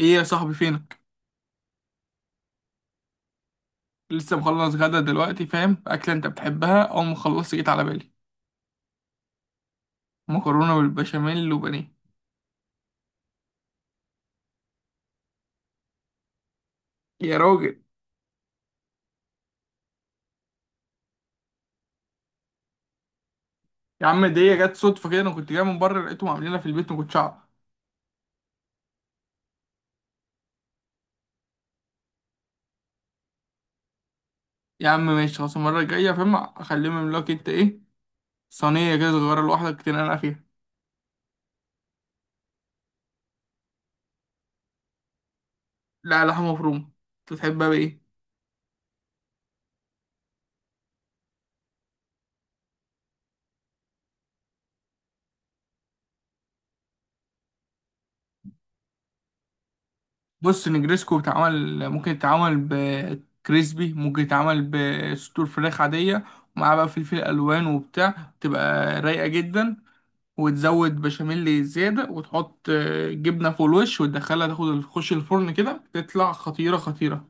ايه يا صاحبي؟ فينك؟ لسه مخلص غدا دلوقتي، فاهم؟ اكله انت بتحبها، اول ما خلصت جيت على بالي. مكرونه بالبشاميل وبانيه. يا راجل. يا عم دي جت صدفه كده، انا كنت جاي من بره لقيتهم عاملينها في البيت، ما كنتش اعرف. يا عم ماشي خلاص، المره الجايه فاهم اخليهم يعملوا لك انت ايه، صينيه كده صغيره لوحدك تنقع فيها. لا، لحمه مفرومه. انت تحبها بايه؟ بص، نجريسكو بتعمل، ممكن يتعمل بكريسبي، ممكن يتعمل بصدور فراخ عاديه، ومعاه بقى فلفل الوان وبتاع، تبقى رايقه جدا. وتزود بشاميل زيادة وتحط جبنة فوق الوش وتدخلها تاخد تخش الفرن كده، تطلع خطيرة خطيرة.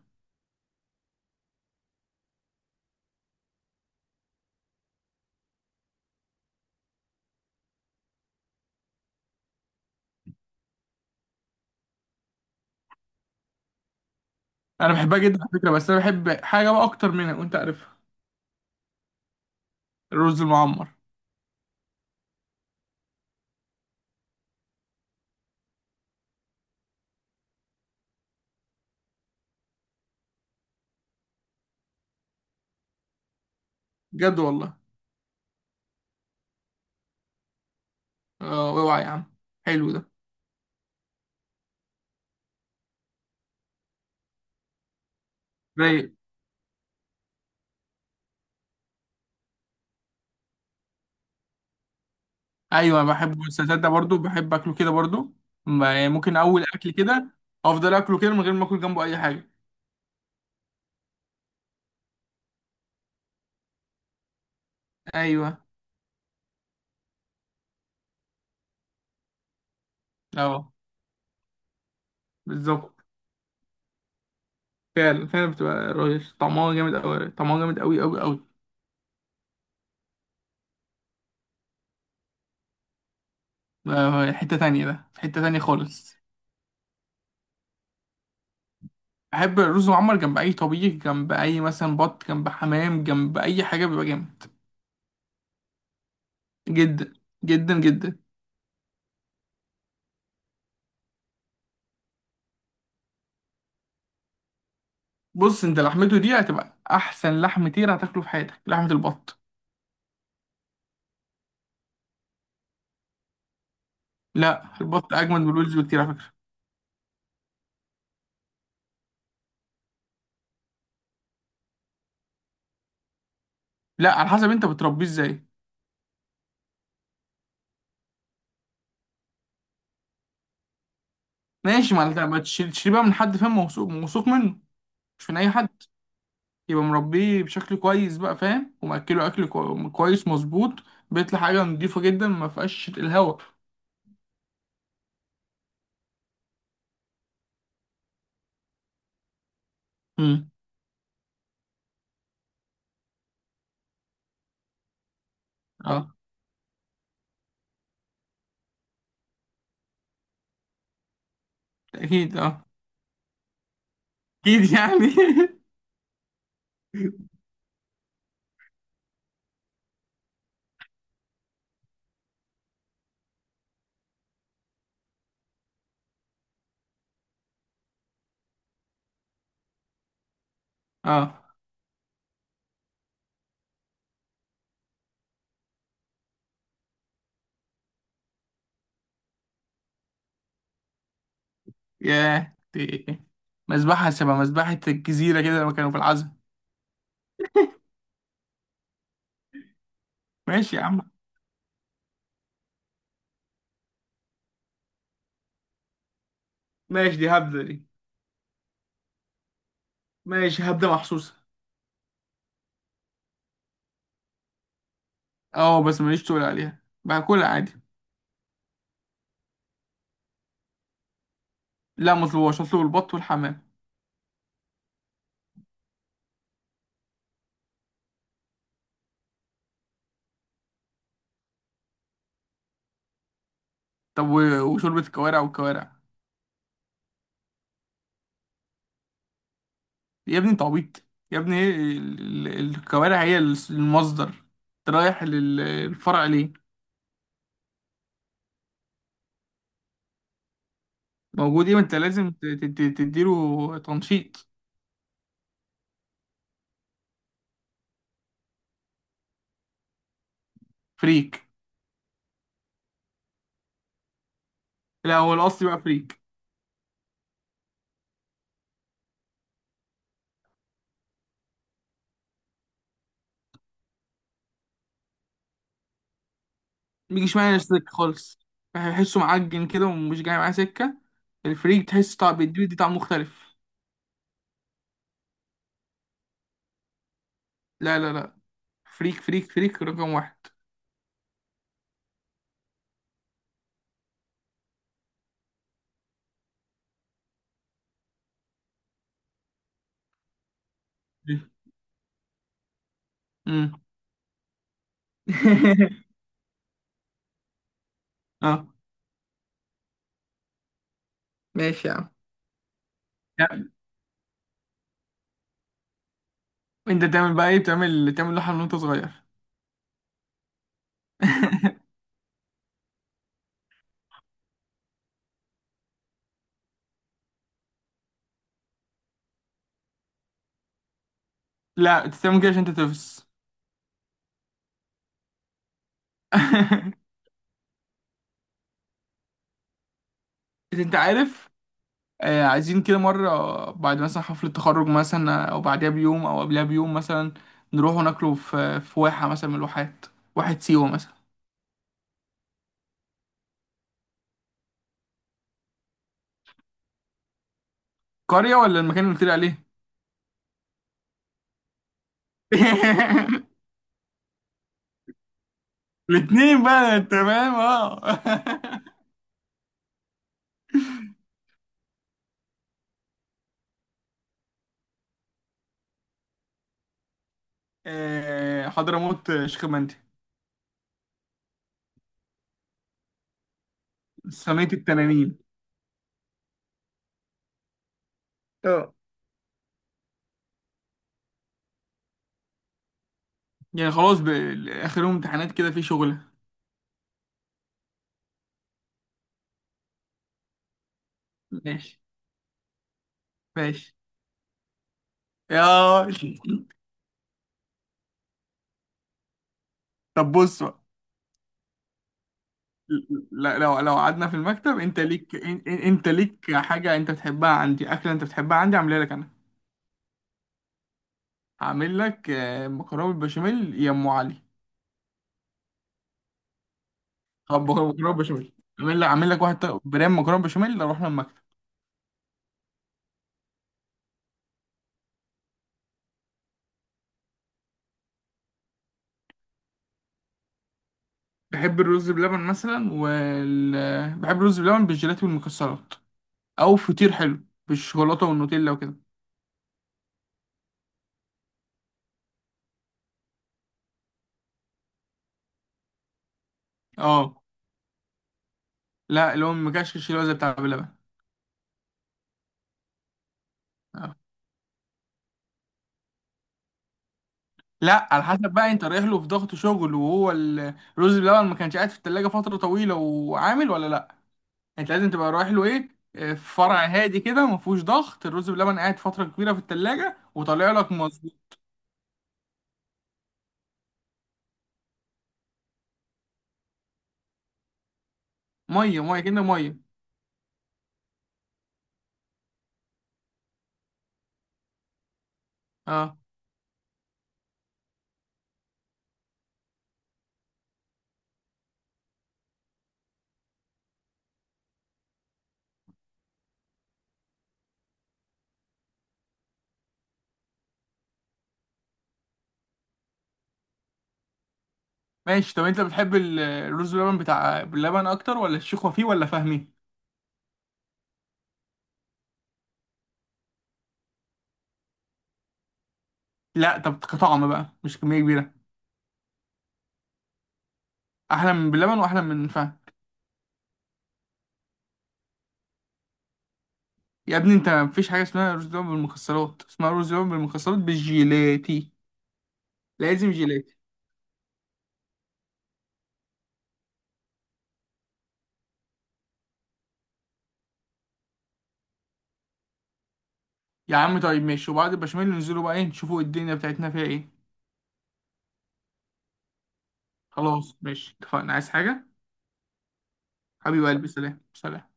أنا بحبها جدا على فكرة، بس أنا بحب حاجة بقى أكتر منها وأنت عارفها. الرز المعمر. بجد والله. أوعى يا عم، حلو ده. رايق. أيوة بحب السلطات ده برضو، بحب أكله كده برضو. يعني ممكن أول أكل كده. أفضل أكله كده من غير ما أكل جنبه أي حاجة. أيوة. أه. بالظبط. فعلا فعلا، بتبقى رايق، طعمها جامد أوي، طعمها جامد أوي أوي أوي. حتة تانية، ده في حتة تانية خالص. أحب الرز معمر جنب أي طبيخ، جنب أي مثلا بط، جنب حمام، جنب أي حاجة بيبقى جامد. جدا جدا جدا. بص أنت لحمته دي هتبقى أحسن لحم طير هتاكله في حياتك، لحمة البط. لا، البط أجمد من الوز بكتير على فكرة. لا على حسب أنت بتربيه إزاي. ماشي، ما أنت ما تشيل بقى من حد فاهم، موثوق موثوق منه. مش من أي حد. يبقى مربيه بشكل كويس بقى فاهم، ومأكله أكل كويس مظبوط. بيطلع حاجة نضيفة جدا ما فيهاش الهوا. امم. اه. اكيد اه. اكيد يعني. اه. ياه دي. مذبحة، شبه مذبحة الجزيرة كده لما كانوا في العزم. ماشي يا عم. ماشي، دي هبدة دي. ماشي، هبدة محسوسة. اه بس ماليش، تقول عليها باكلها عادي. لا، مطلوبهاش، اطلب البط والحمام. طب وشوربة الكوارع والكوارع. يا ابني انت عبيط. يا ابني ايه الكوارع هي المصدر. انت رايح للفرع ليه؟ موجود ايه، ما انت لازم تديله تنشيط. فريك. لا هو الاصلي بقى فريك. ميجيش معايا سكة خالص، بحسه معجن كده ومش جاي معاه سكة. الفريك تحس طعم بيدي دي طعم مختلف. لا لا لا، فريك فريك فريك رقم واحد. امم. اه. ماشي يا عم. لا، انت تعمل بقى ايه، بتعمل تعمل لحم وانت صغير؟ لا انت تعمل كده عشان انت تفس. انت عارف، عايزين كده مرة بعد مثلا حفلة تخرج مثلا او بعدها بيوم او قبلها بيوم مثلا، نروح وناكله في واحة مثلا من الواحات، واحة سيوة مثلا. قرية ولا المكان اللي قلت لي عليه؟ الاتنين بقى تمام اه. حضرموت، شيخ مندي. صينية التنانين. اه. يعني خلاص آخر يوم امتحانات كده في شغلة. ماشي. ماشي يا. طب بص بقى. لو لو قعدنا في المكتب، انت ليك انت ليك حاجة انت بتحبها عندي، أكلة انت بتحبها عندي عاملها لك انا. هعمل لك مكرونة بالبشاميل يا ام علي. طب مكرونه بشاميل، اعمل لك اعمل لك واحد طيب برام مكرونه بشاميل اروح لما المكتب. بحب الرز بلبن مثلا بحب الرز بلبن بالجيلاتي والمكسرات، او فطير حلو بالشوكولاته والنوتيلا وكده. اه. لا اللي هو مكشكش، اللي هو زي بتاع بلبن. آه. لا على حسب بقى انت رايح له في ضغط شغل وهو الرز بلبن ما كانش قاعد في التلاجة فترة طويلة وعامل ولا لا. انت لازم تبقى رايح له ايه، في فرع هادي كده ما فيهوش ضغط، الرز بلبن قاعد فترة كبيرة في التلاجة وطالع لك مظبوط. مية مية كده مية. اه ماشي. طب انت بتحب الرز باللبن بتاع باللبن اكتر ولا الشيخ وفيه ولا فهمي؟ لا طب كطعم بقى مش كميه كبيره. احلى من باللبن واحلى من فهم. يا ابني انت مفيش حاجه اسمها رز باللبن بالمكسرات، اسمها رز باللبن بالمكسرات بالجيلاتي. لازم جيلاتي. يا عم طيب ماشي، وبعد البشاميل ننزلوا بقى ايه، نشوفوا الدنيا بتاعتنا فيها ايه. خلاص ماشي اتفقنا، عايز حاجه؟ حبيب قلبي سلام سلام.